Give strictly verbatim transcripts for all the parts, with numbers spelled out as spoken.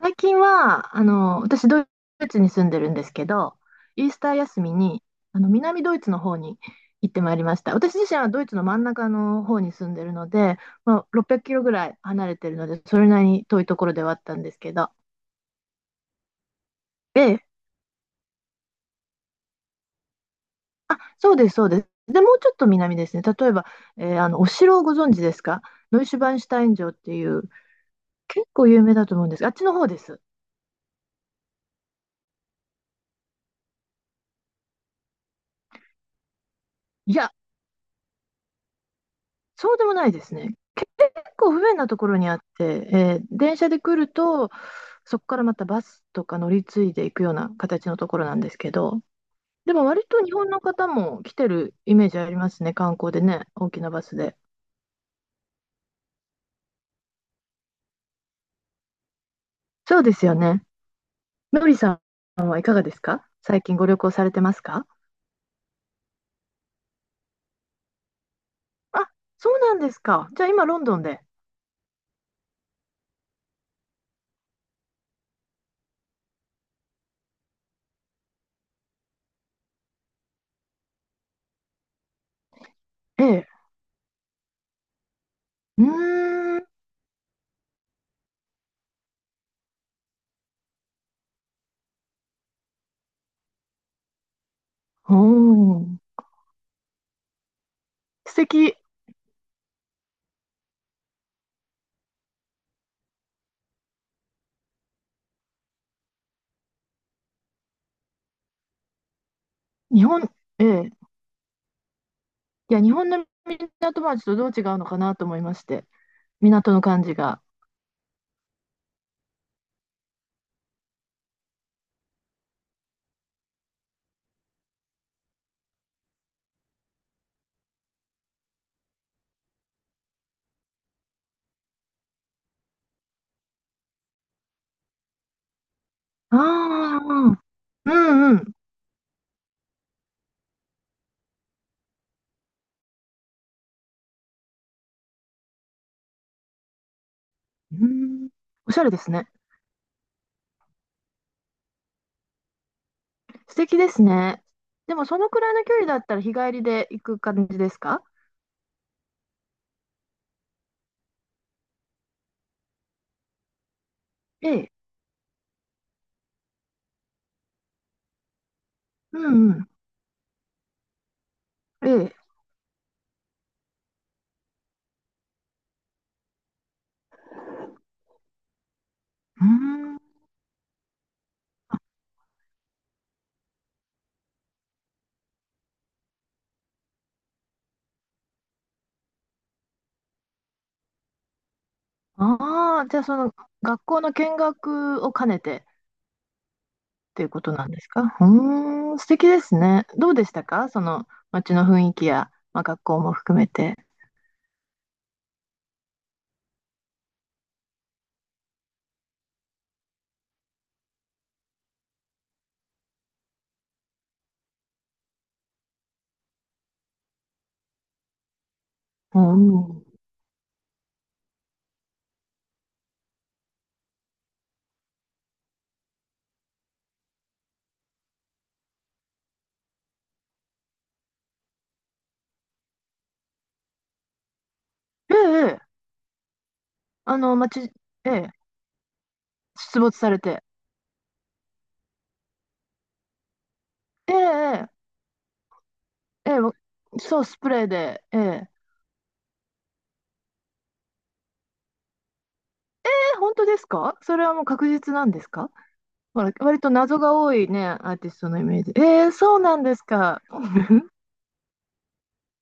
最近は、あの、私、ドイツに住んでるんですけど、イースター休みに、あの、南ドイツの方に行ってまいりました。私自身はドイツの真ん中の方に住んでるので、まあ、ろっぴゃくキロぐらい離れてるので、それなりに遠いところではあったんですけど。で、あ、そうです、そうです。で、もうちょっと南ですね。例えば、えーあの、お城をご存知ですか？ノイシュバンシュタイン城っていう、結構有名だと思うんですが、あっちの方です。いや、そうでもないですね。構不便なところにあって、えー電車で来ると、そこからまたバスとか乗り継いでいくような形のところなんですけど、でも割と日本の方も来てるイメージありますね、観光でね、大きなバスで。そうですよね。のりさんはいかがですか？最近ご旅行されてますか？あ、そうなんですか。じゃあ今、ロンドンで。ええ。うーん。おー。素敵。日本、ええ。いや、日本の港町とどう違うのかなと思いまして、港の感じが。ああ、うんうん。うん、おしゃれですね。素敵ですね。でも、そのくらいの距離だったら日帰りで行く感じですか？ええ。うんうん。ええ。うん。ああ、じゃあ、その、学校の見学を兼ねてっていうことなんですか？うーん、素敵ですね。どうでしたか？その街の雰囲気や、まあ、学校も含めて。うん。ええ、ええ。あの、街、ええ、出没されて。ええ、ええ、ええ、そう、スプレーで、ええ。本当ですか？それはもう確実なんですか？ほら割と謎が多いね、アーティストのイメージ。えー、そうなんですか。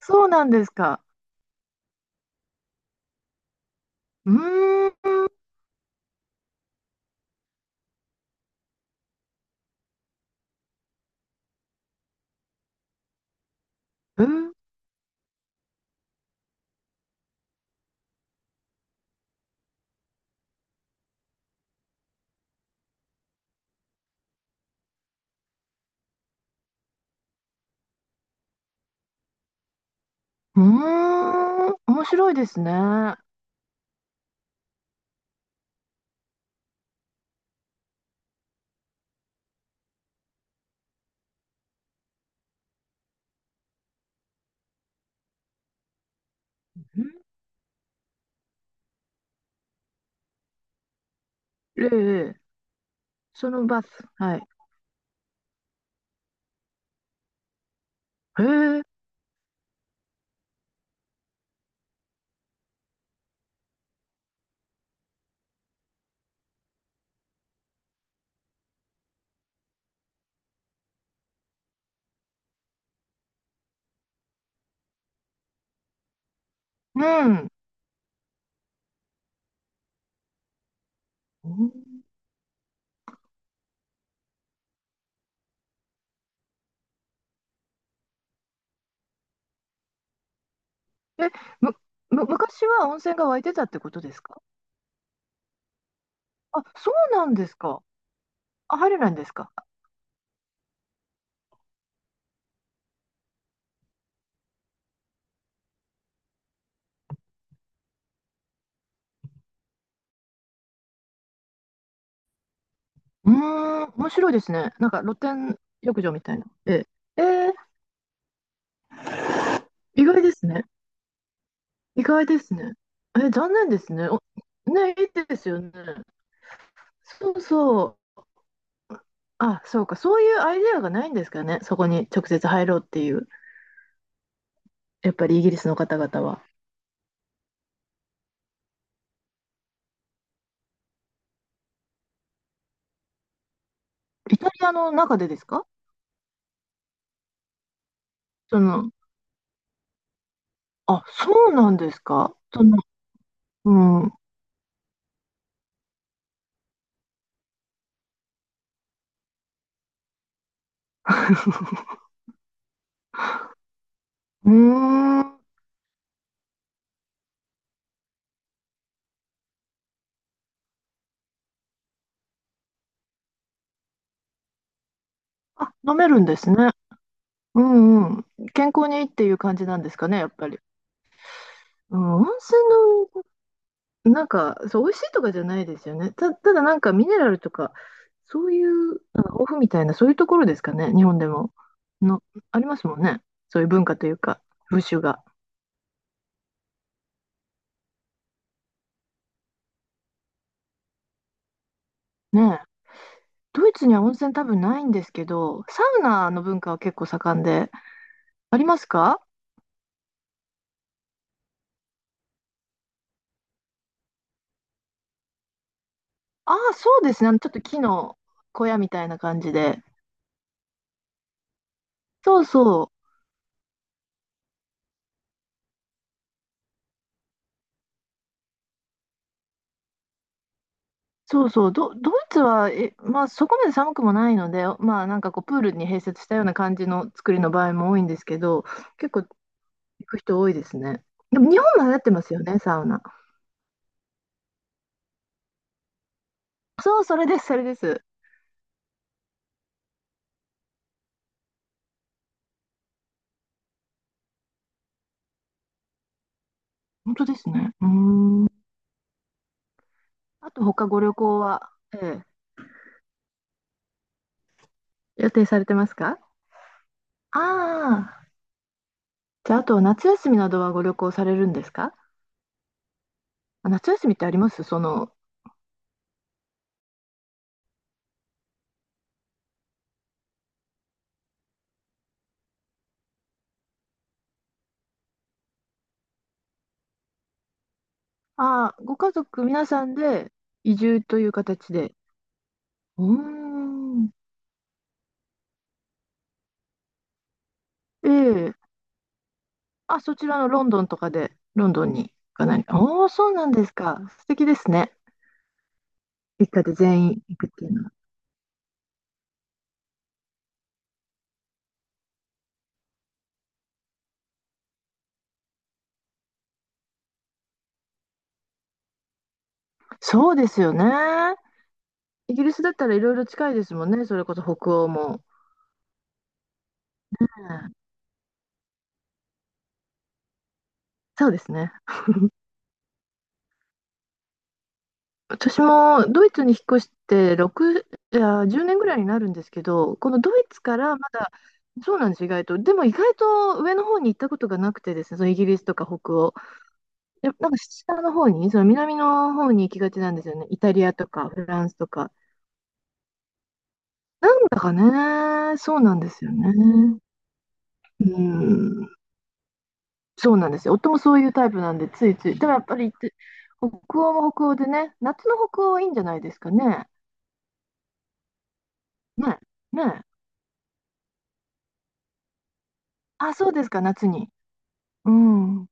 そうなんですか。うーん、えーうーん、面白いですね。んええ、そのバス。はい。へえ、うん。うん。え、む、む、昔は温泉が湧いてたってことですか？あ、そうなんですか。あ、入れないんですか。うーん、面白いですね。なんか露天浴場みたいな。ええ、えー、意外ですね。意外ですね。え残念ですね。お、ね、いいですよね。そうそう。あ、そうか。そういうアイデアがないんですかね。そこに直接入ろうっていう。やっぱりイギリスの方々は。イタリアの中でですか？その、あ、そうなんですか。その、うん。うーん。あ、飲めるんですね。うんうん。健康にいいっていう感じなんですかね、やっぱり。うん、温泉なんか、そう、美味しいとかじゃないですよね。た、ただなんかミネラルとか、そういう、なんかオフみたいな、そういうところですかね、日本でも。の、ありますもんね。そういう文化というか、風習が。ねえ。ドイツには温泉多分ないんですけど、サウナの文化は結構盛んで、ありますか？ああ、そうですね。あのちょっと木の小屋みたいな感じで。そうそう。そうそう、ド、ドイツは、え、まあ、そこまで寒くもないので、まあ、なんかこう、プールに併設したような感じの作りの場合も多いんですけど、結構行く人多いですね。でも、日本も流行ってますよね、サウナ。そう、それです、それです。本当ですね。うーん。あと、他ご旅行は、ええ、予定されてますか？ああー、じゃあ、あと、夏休みなどはご旅行されるんですか？あ、夏休みってありますその、ああ、ご家族皆さんで移住という形で。うーん。ええ、あ、そちらのロンドンとかで、ロンドンにかなり。おお、そうなんですか。素敵ですね。一家で全員行くっていうのは。そうですよね。イギリスだったらいろいろ近いですもんね。それこそ北欧も。うん、そうですね。私もドイツに引っ越してろく、いや、じゅうねんぐらいになるんですけど、このドイツからまだ、そうなんです、意外と。でも意外と上の方に行ったことがなくてですね、そのイギリスとか北欧。やっぱなんか下の方に、その南の方に行きがちなんですよね。イタリアとかフランスとか。なんだかね、そうなんですよね。うん、そうなんですよ。夫もそういうタイプなんで、ついつい。でもやっぱり、北欧も北欧でね、夏の北欧はいいんじゃないですかね。ね、ね。あ、そうですか、夏に。うん。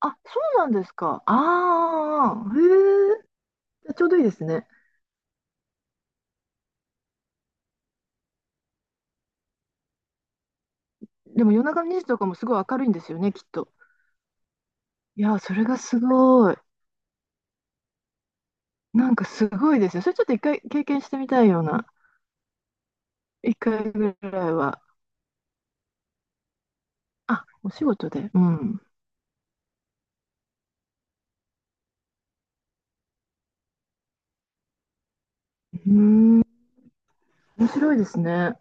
あ、そうなんですか。ああ、へえ、ちょうどいいですね。でも夜中のにじとかもすごい明るいんですよね、きっと。いやー、それがすごい。なんかすごいですよ、それ、ちょっと一回経験してみたいような。一回ぐらいは。あ、お仕事で。うん。うーん、面白いですね。